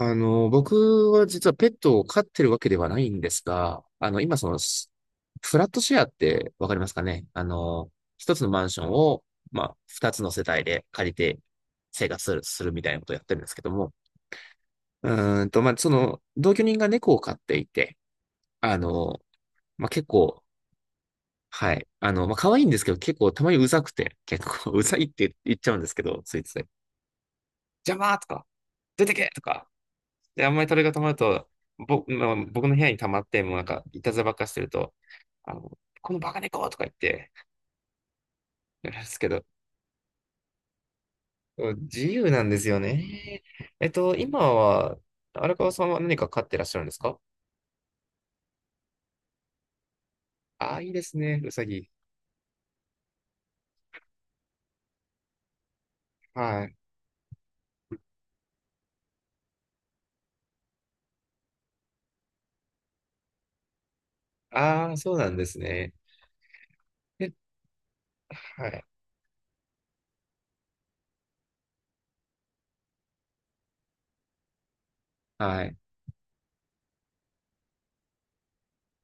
僕は実はペットを飼ってるわけではないんですが、今その、スフラットシェアってわかりますかね一つのマンションを、まあ、二つの世帯で借りて生活するみたいなことをやってるんですけども、うまあ、その、同居人が猫を飼っていて、あの、まあ、結構、はい、まあ、可愛いんですけど、結構たまにうざくて、結構 うざいって言っちゃうんですけど、ついつい、邪魔とか、出てけとか、で、あんまりそれが溜まると、まあ、僕の部屋に溜まって、もうなんか、いたずらばっかしてると、あの、このバカ猫とか言って、やるんですけど、自由なんですよね。えっと、今は、荒川さんは何か飼ってらっしゃるんですか？ああいいですね、うさぎ。はい。ああ、そうなんですね。え、はい。はい。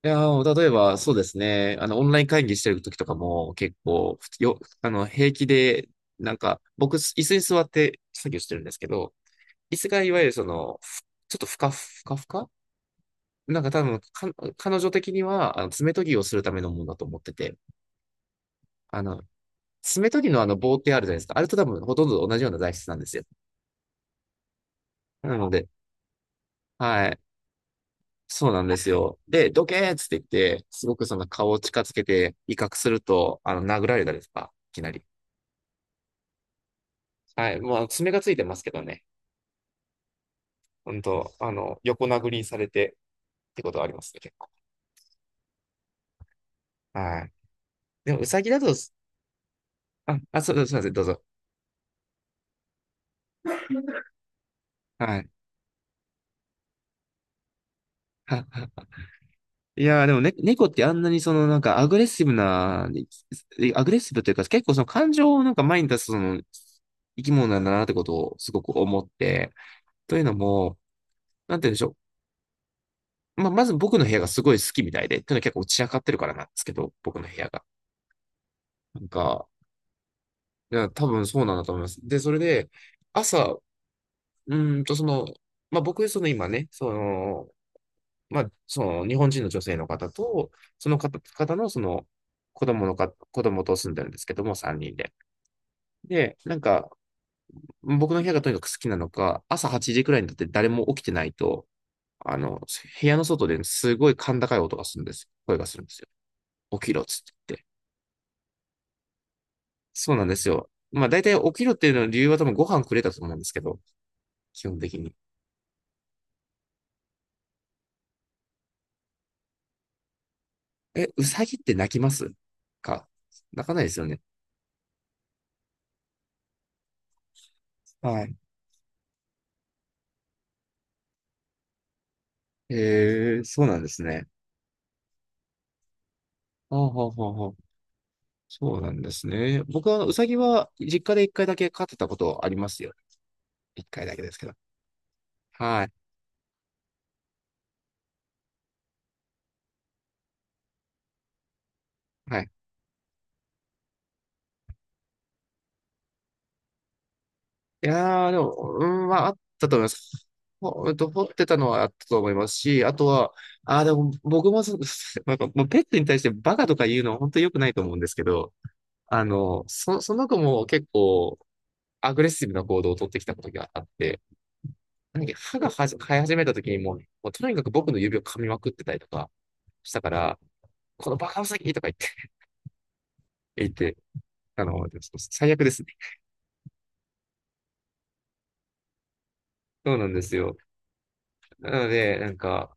いやー、例えば、そうですね。オンライン会議してる時とかも、結構、平気で、なんか、僕、椅子に座って作業してるんですけど、椅子がいわゆるその、ちょっとふかふかふか、なんか多分彼女的には、爪研ぎをするためのものだと思ってて、あの、爪研ぎのあの棒ってあるじゃないですか。あれと多分ほとんど同じような材質なんですよ。なので、はい。そうなんですよ。で、どけーっつって、すごくその顔を近づけて威嚇すると、殴られたりとか、いきなり。はい。まあ、爪がついてますけどね。本当横殴りにされてってことはありますね、結構。はい。でも、ウサギだと、あ、あ、そう、すいません、どうぞ。はい。はは。いやーでもね、猫ってあんなにそのアグレッシブな、アグレッシブというか結構その感情をなんか前に出すその生き物なんだなってことをすごく思って、というのも、なんて言うんでしょう。まあ、まず僕の部屋がすごい好きみたいで、というのは結構散らかってるからなんですけど、僕の部屋が。なんか、いや多分そうなんだと思います。で、それで、朝、ーんとその、まあ僕、今ね、まあ、その日本人の女性の方と、方のその子供と住んでるんですけども、3人で。で、なんか、僕の部屋がとにかく好きなのか、朝8時くらいになって誰も起きてないと、あの、部屋の外ですごい甲高い音がするんです。声がするんですよ。起きろっつって言って。そうなんですよ。まあ、大体起きろっていうの理由は多分ご飯くれたと思うんですけど、基本的に。え、うさぎって泣きますか？泣かないですよね。はい。へ、そうなんですね。ほうほうほうほう。そうなんですね。僕は、あのうさぎは、実家で一回だけ飼ってたことありますよ。一回だけですけど。はい。はい。いやー、でも、うん、まあ、あったと思います。うんと、掘ってたのはあったと思いますし、あとは、あー、でも、僕もそ、なんか、もうペットに対してバカとか言うのは本当に良くないと思うんですけど、あの、その子も結構、アグレッシブな行動を取ってきたことがあって、なんか歯が生え始めた時にもう、もうとにかく僕の指を噛みまくってたりとかしたから、このバカウサギとか言って、あの、最悪ですね。そうなんですよ。なので、なんか、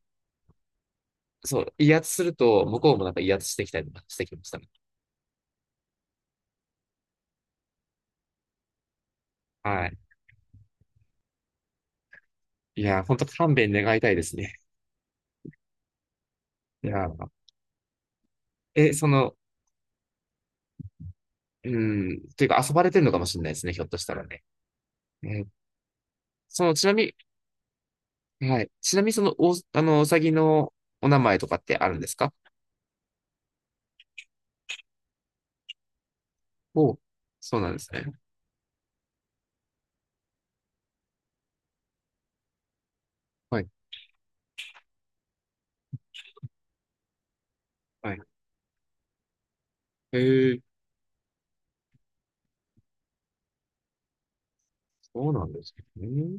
そう、威圧すると、向こうもなんか威圧してきたりとかしてきましたね。はい。いや、本当勘弁願いたいですね。いや、え、その、うん、というか遊ばれてるのかもしれないですね、ひょっとしたらね。えー、その、ちなみに、はい。ちなみに、その、あの、うさぎのお名前とかってあるんですか？おう、そうなんですね。はい。はい。えー、そうなんですね。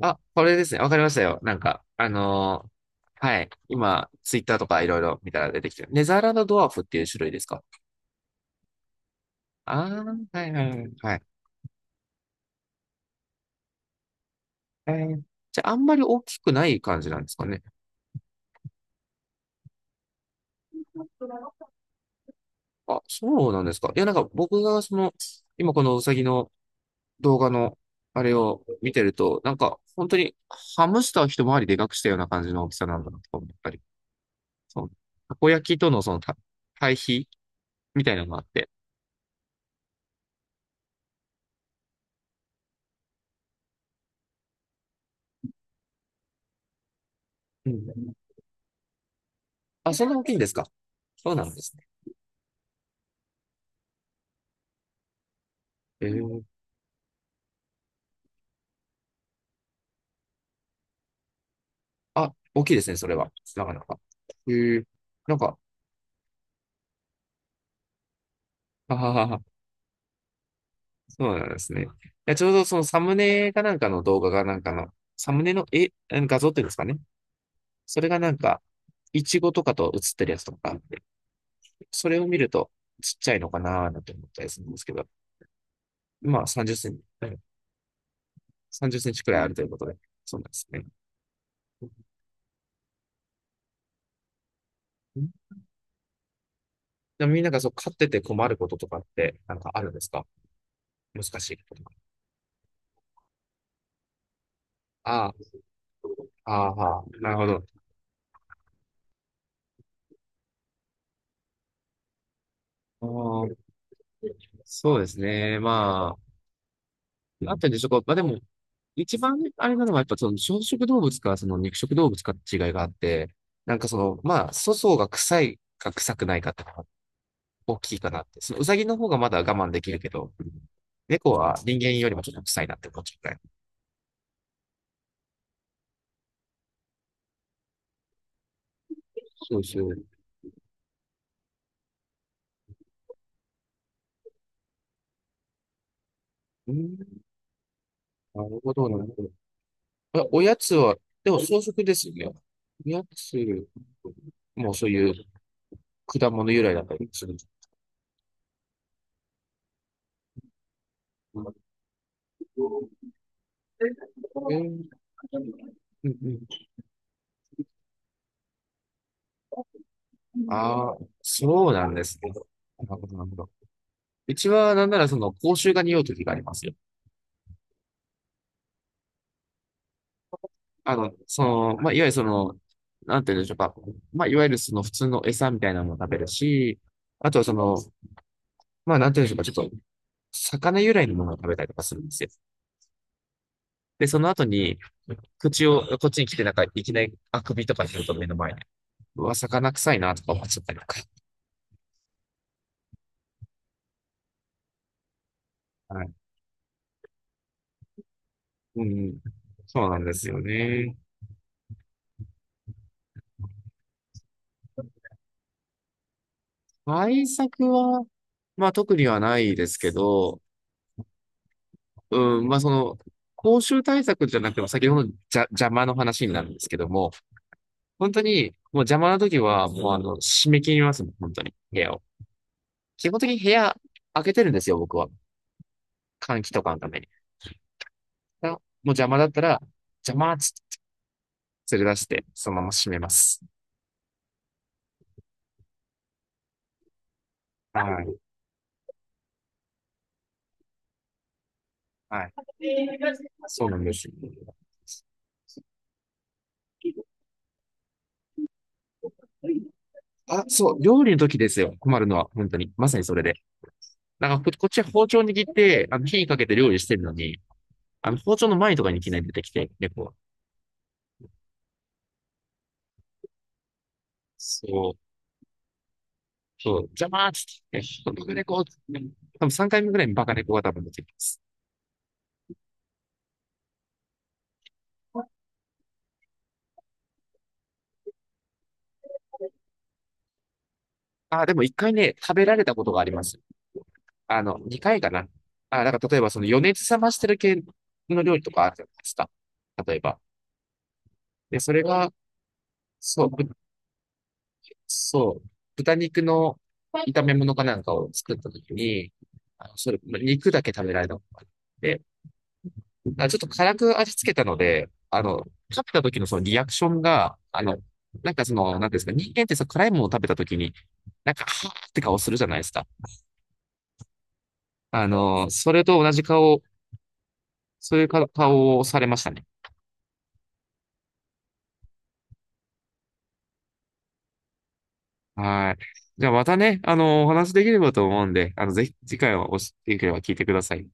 あ、あ、これですね。わかりましたよ。なんか、あのー、はい。今、ツイッターとかいろいろ見たら出てきてる。ネザーランドドワーフっていう種類ですか？ああー、はいはいはい。はい。えー、じゃあ、あんまり大きくない感じなんですかね。あ、そうなんですか。いや、なんか僕がその、今このウサギの動画の、あれを見てると、なんか、本当に、ハムスターを一回りでかくしたような感じの大きさなんだなと思ったり。そう。たこ焼きとのその対比みたいなのがあって。うん、あ、そんな大きいんですか？そうなんですね。えー、あ、大きいですね、それは。なかなか。えー、なんか、はははは、そうなんですね。いや、ちょうどそのサムネかなんかの動画がなんかの、サムネの絵、あの画像っていうんですかね。それがなんか、イチゴとかと写ってるやつとかあって、それを見るとちっちゃいのかなーなんて思ったりするんですけど、まあ30センチ、うん、さんじゅっセンチくらいあるということで、そうなんですね。うん、でもみんながそう飼ってて困ることとかってなんかあるんですか？難しいこととか。あ、ああ、はあ、なるほど。あー、そうですね。まあ、あったんでしょうか。まあでも、一番あれなのは、やっぱその草食動物か、その肉食動物かって違いがあって、なんかその、まあ、粗相が臭いか臭くないかってのが大きいかなって。そのウサギの方がまだ我慢できるけど、猫は人間よりもちょっと臭いなって思っちゃうくらい。そうそう。うん、なるほど、なるほど。あ、おやつは、でも草食ですよね。おやつもうそういう果物由来だったりする。うん、うん、うん。ああ、そうなんですね。なるほど、なるほど。うちは、なんなら、その、口臭が匂う時がありますよ。まあ、いわゆるその、なんて言うんでしょうか。まあ、いわゆるその、普通の餌みたいなのも食べるし、あとはその、まあ、なんて言うんでしょうか。ちょっと、魚由来のものを食べたりとかするんですよ。で、その後に、口を、こっちに来て、なんか、いきなり、あくびとかすると目の前に、うわ、魚臭いな、とか思っちゃったりとか。はい。うん。そうなんですよね。対策は、まあ特にはないですけど、うん、まあその、公衆対策じゃなくても、先ほどのじゃ邪魔の話になるんですけども、本当に、もう邪魔な時は、もうあの、締め切りますもん、本当に、部屋を。基本的に部屋開けてるんですよ、僕は。換気とかのために。だからもう邪魔だったら、邪魔っつって連れ出して、そのまま閉めます。はい。はい。そうなんです。あ、そう、料理の時ですよ、困るのは、本当に。まさにそれで。こっちは包丁握って、火かけて料理してるのに、包丁の前とかにいきなり出てきて、猫は。そう、そう、邪魔ーっつって、バカ猫つ多分3回目ぐらいにバカ猫が多分出てきます。あー、でも1回ね、食べられたことがあります。あの、2回かな。あー、なんか例えばその余熱冷ましてる系の料理とかあるじゃないですか。例えば。で、それが、そう、ぶそう、豚肉の炒め物かなんかを作ったときに、あの、それ、ま肉だけ食べられたことがあって、あ、ちょっと辛く味付けたので、食べた時のそのリアクションが、あの、なんかその、なんていうんですか、人間ってさ、辛いものを食べた時に、なんか、はーって顔するじゃないですか。あの、それと同じ顔、そういう顔をされましたね。はい。じゃあまたね、あの、お話できればと思うんで、あの、ぜひ次回はおし、できれば聞いてください。